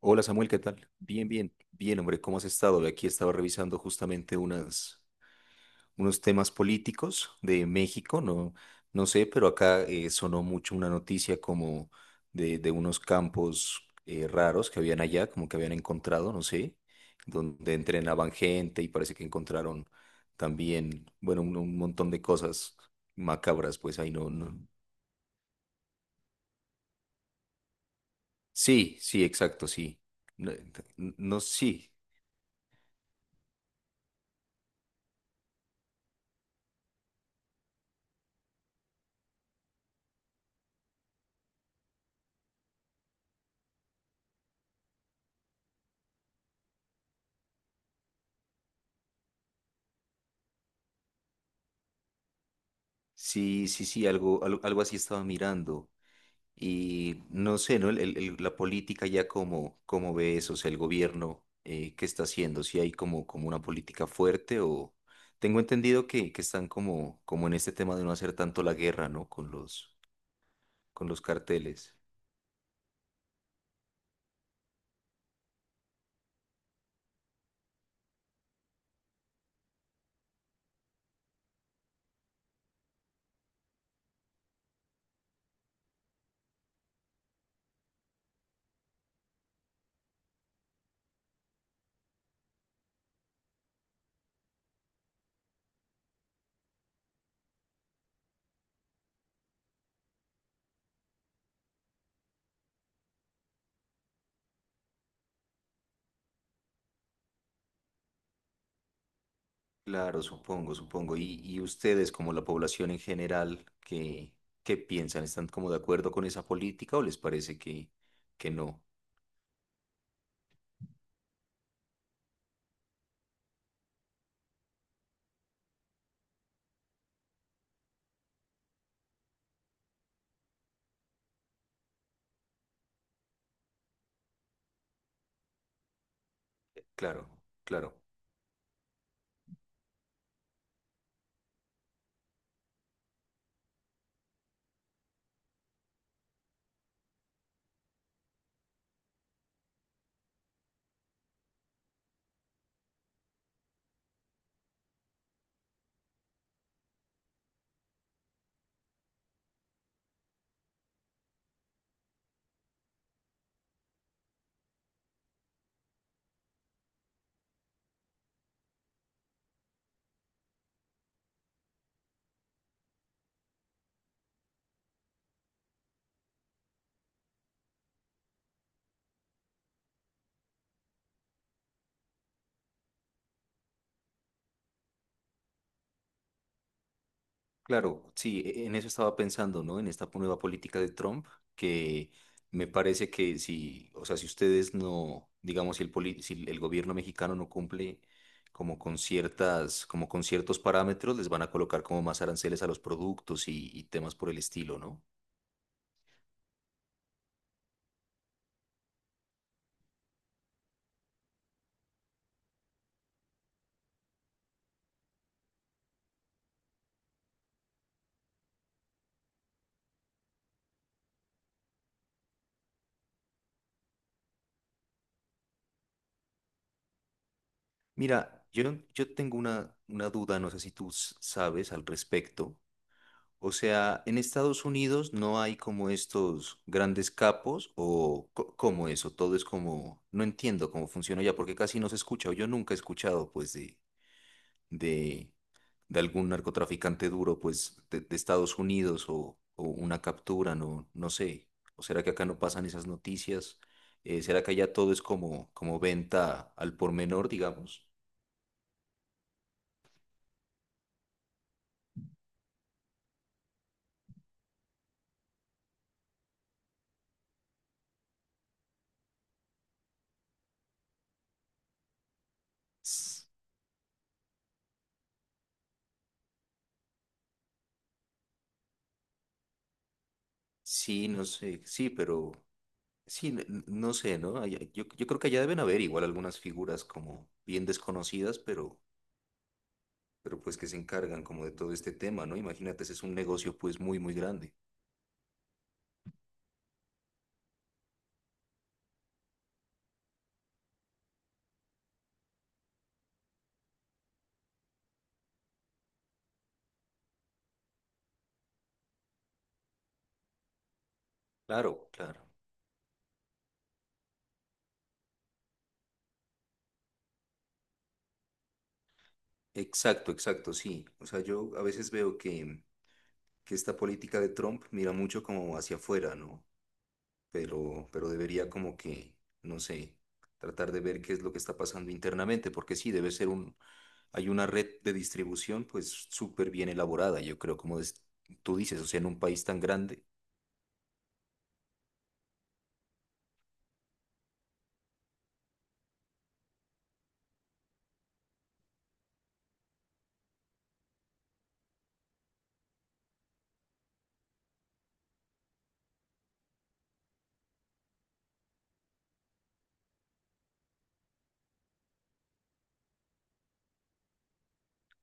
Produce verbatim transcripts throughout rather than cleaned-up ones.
Hola Samuel, ¿qué tal? Bien, bien, bien, hombre, ¿cómo has estado? Aquí estaba revisando justamente unas, unos temas políticos de México. No, no sé, pero acá eh, sonó mucho una noticia como de, de unos campos eh, raros que habían allá, como que habían encontrado, no sé, donde entrenaban gente y parece que encontraron también, bueno, un, un montón de cosas macabras, pues ahí no, no. Sí, sí, exacto, sí. No, no, no, sí. Sí, sí, sí, algo, algo, algo así estaba mirando. Y no sé, ¿no? El- el- el- la política ya como, como ve eso, o sea, el gobierno, eh, ¿qué está haciendo? ¿Si hay como, como, una política fuerte o...? Tengo entendido que, que están como, como en este tema de no hacer tanto la guerra, ¿no? Con los, con los carteles. Claro, supongo, supongo. Y, y ustedes, como la población en general, ¿qué, qué piensan? ¿Están como de acuerdo con esa política, o les parece que, que no? Claro, claro. Claro, sí, e- en eso estaba pensando, ¿no? En esta nueva política de Trump, que me parece que si, o sea, si ustedes no, digamos, si el, poli- si el gobierno mexicano no cumple como con ciertas, como con ciertos parámetros, les van a colocar como más aranceles a los productos y, y temas por el estilo, ¿no? Mira, yo, yo tengo una, una duda, no sé si tú s- sabes al respecto. O sea, en Estados Unidos no hay como estos grandes capos o co- cómo eso, todo es como, no entiendo cómo funciona ya, porque casi no se escucha, o yo nunca he escuchado pues de, de, de algún narcotraficante duro pues de, de Estados Unidos o, o una captura, no, no sé. ¿O será que acá no pasan esas noticias? Eh, ¿será que allá todo es como, como venta al por menor, digamos? S- Sí, no sé, sí, pero... Sí, n- n- no sé, ¿no? Allá- yo, yo creo que allá deben haber igual algunas figuras como bien desconocidas, pero, pero pues que se encargan como de todo este tema, ¿no? Imagínate, ese es un negocio pues muy, muy grande. Claro, claro. Exacto, exacto, sí. O sea, yo a veces veo que, que esta política de Trump mira mucho como hacia afuera, ¿no? pero, pero debería como que, no sé, tratar de ver qué es lo que está pasando internamente, porque sí, debe ser un, hay una red de distribución pues súper bien elaborada, yo creo, como des- tú dices, o sea, en un país tan grande.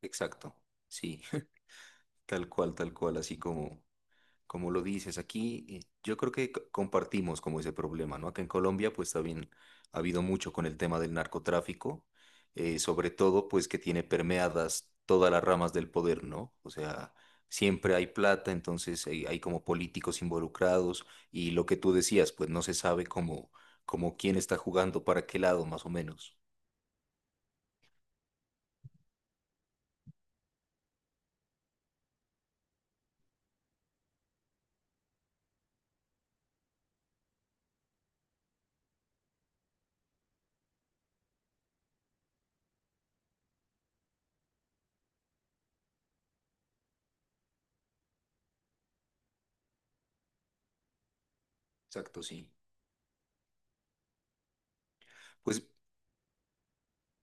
Exacto, sí. Tal cual, tal cual, así como, Como lo dices aquí, eh, yo creo que c- compartimos como ese problema, ¿no? Acá en Colombia, pues también ha habido mucho con el tema del narcotráfico, eh, sobre todo, pues que tiene permeadas todas las ramas del poder, ¿no? O sea, siempre hay plata, entonces hay, hay como políticos involucrados, y lo que tú decías, pues no se sabe cómo, cómo quién está jugando para qué lado, más o menos. Exacto, sí. Pues,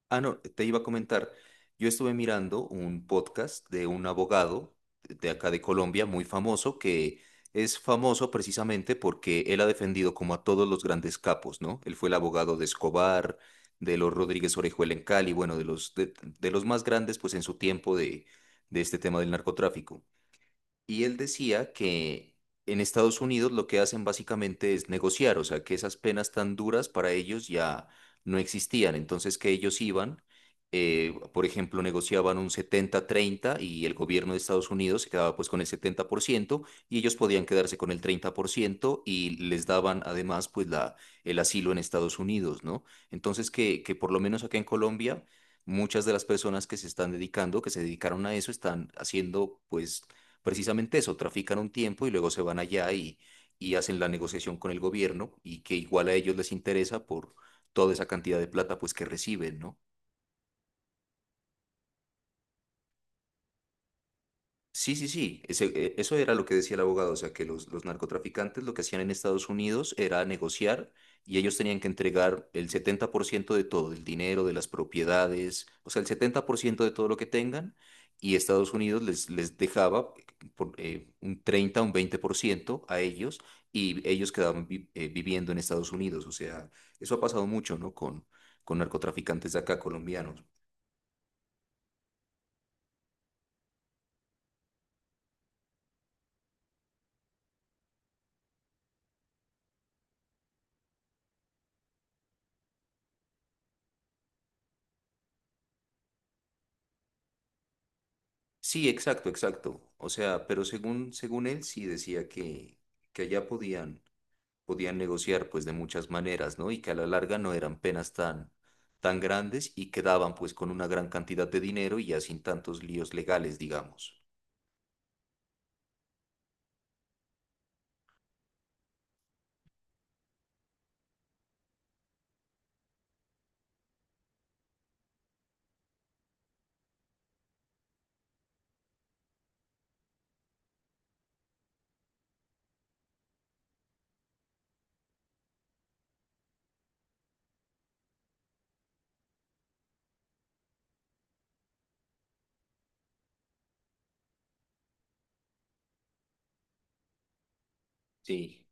ah, no, te iba a comentar. Yo estuve mirando un podcast de un abogado de acá de Colombia muy famoso, que es famoso precisamente porque él ha defendido como a todos los grandes capos, ¿no? Él fue el abogado de Escobar, de los Rodríguez Orejuela en Cali, bueno, de los de, de los más grandes pues en su tiempo de de este tema del narcotráfico. Y él decía que en Estados Unidos lo que hacen básicamente es negociar, o sea, que esas penas tan duras para ellos ya no existían. Entonces, que ellos iban, eh, por ejemplo, negociaban un setenta treinta, y el gobierno de Estados Unidos se quedaba pues con el setenta por ciento, y ellos podían quedarse con el treinta por ciento, y les daban además pues la, el asilo en Estados Unidos, ¿no? Entonces, que, que por lo menos acá en Colombia... Muchas de las personas que se están dedicando, que se dedicaron a eso, están haciendo pues precisamente eso: trafican un tiempo y luego se van allá y, y hacen la negociación con el gobierno, y que igual a ellos les interesa por toda esa cantidad de plata pues que reciben, ¿no? Sí, sí, sí, ese, eh, eso era lo que decía el abogado, o sea, que los, los narcotraficantes lo que hacían en Estados Unidos era negociar, y ellos tenían que entregar el setenta por ciento de todo, del dinero, de las propiedades, o sea, el setenta por ciento de todo lo que tengan, y Estados Unidos les, les dejaba por, eh, un treinta, un veinte por ciento a ellos, y ellos quedaban vi- eh, viviendo en Estados Unidos, o sea, eso ha pasado mucho, ¿no? Con, con narcotraficantes de acá, colombianos. Sí, exacto, exacto. O sea, pero según, según él sí decía que, que allá podían, podían negociar pues de muchas maneras, ¿no? Y que a la larga no eran penas tan, tan grandes, y quedaban pues con una gran cantidad de dinero y ya sin tantos líos legales, digamos. Sí.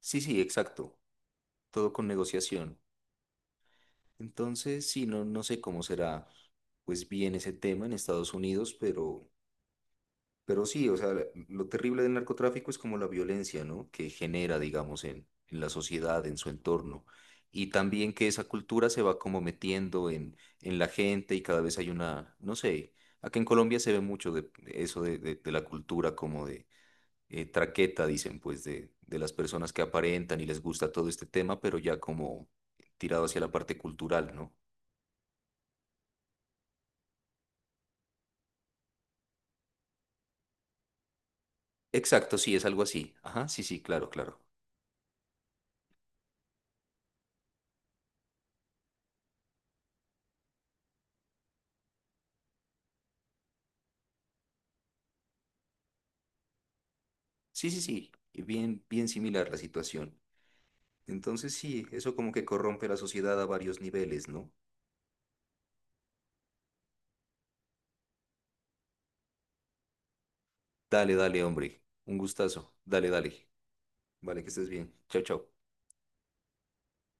Sí, sí, exacto. Todo con negociación. Entonces, sí, no, no sé cómo será pues bien ese tema en Estados Unidos, pero... Pero sí, o sea, lo terrible del narcotráfico es como la violencia, ¿no? Que genera, digamos, en, en la sociedad, en su entorno. Y también que esa cultura se va como metiendo en, en la gente, y cada vez hay una, no sé, acá en Colombia se ve mucho de eso de, de- de la cultura como de eh, traqueta, dicen, pues, de, de las personas que aparentan y les gusta todo este tema, pero ya como tirado hacia la parte cultural, ¿no? Exacto, sí, es algo así. Ajá, sí, sí, claro, claro. Sí, sí, sí, bien, bien similar la situación. Entonces sí, eso como que corrompe la sociedad a varios niveles, ¿no? Dale, dale, hombre. Un gustazo. Dale, dale. Vale, que estés bien. Chao, chao.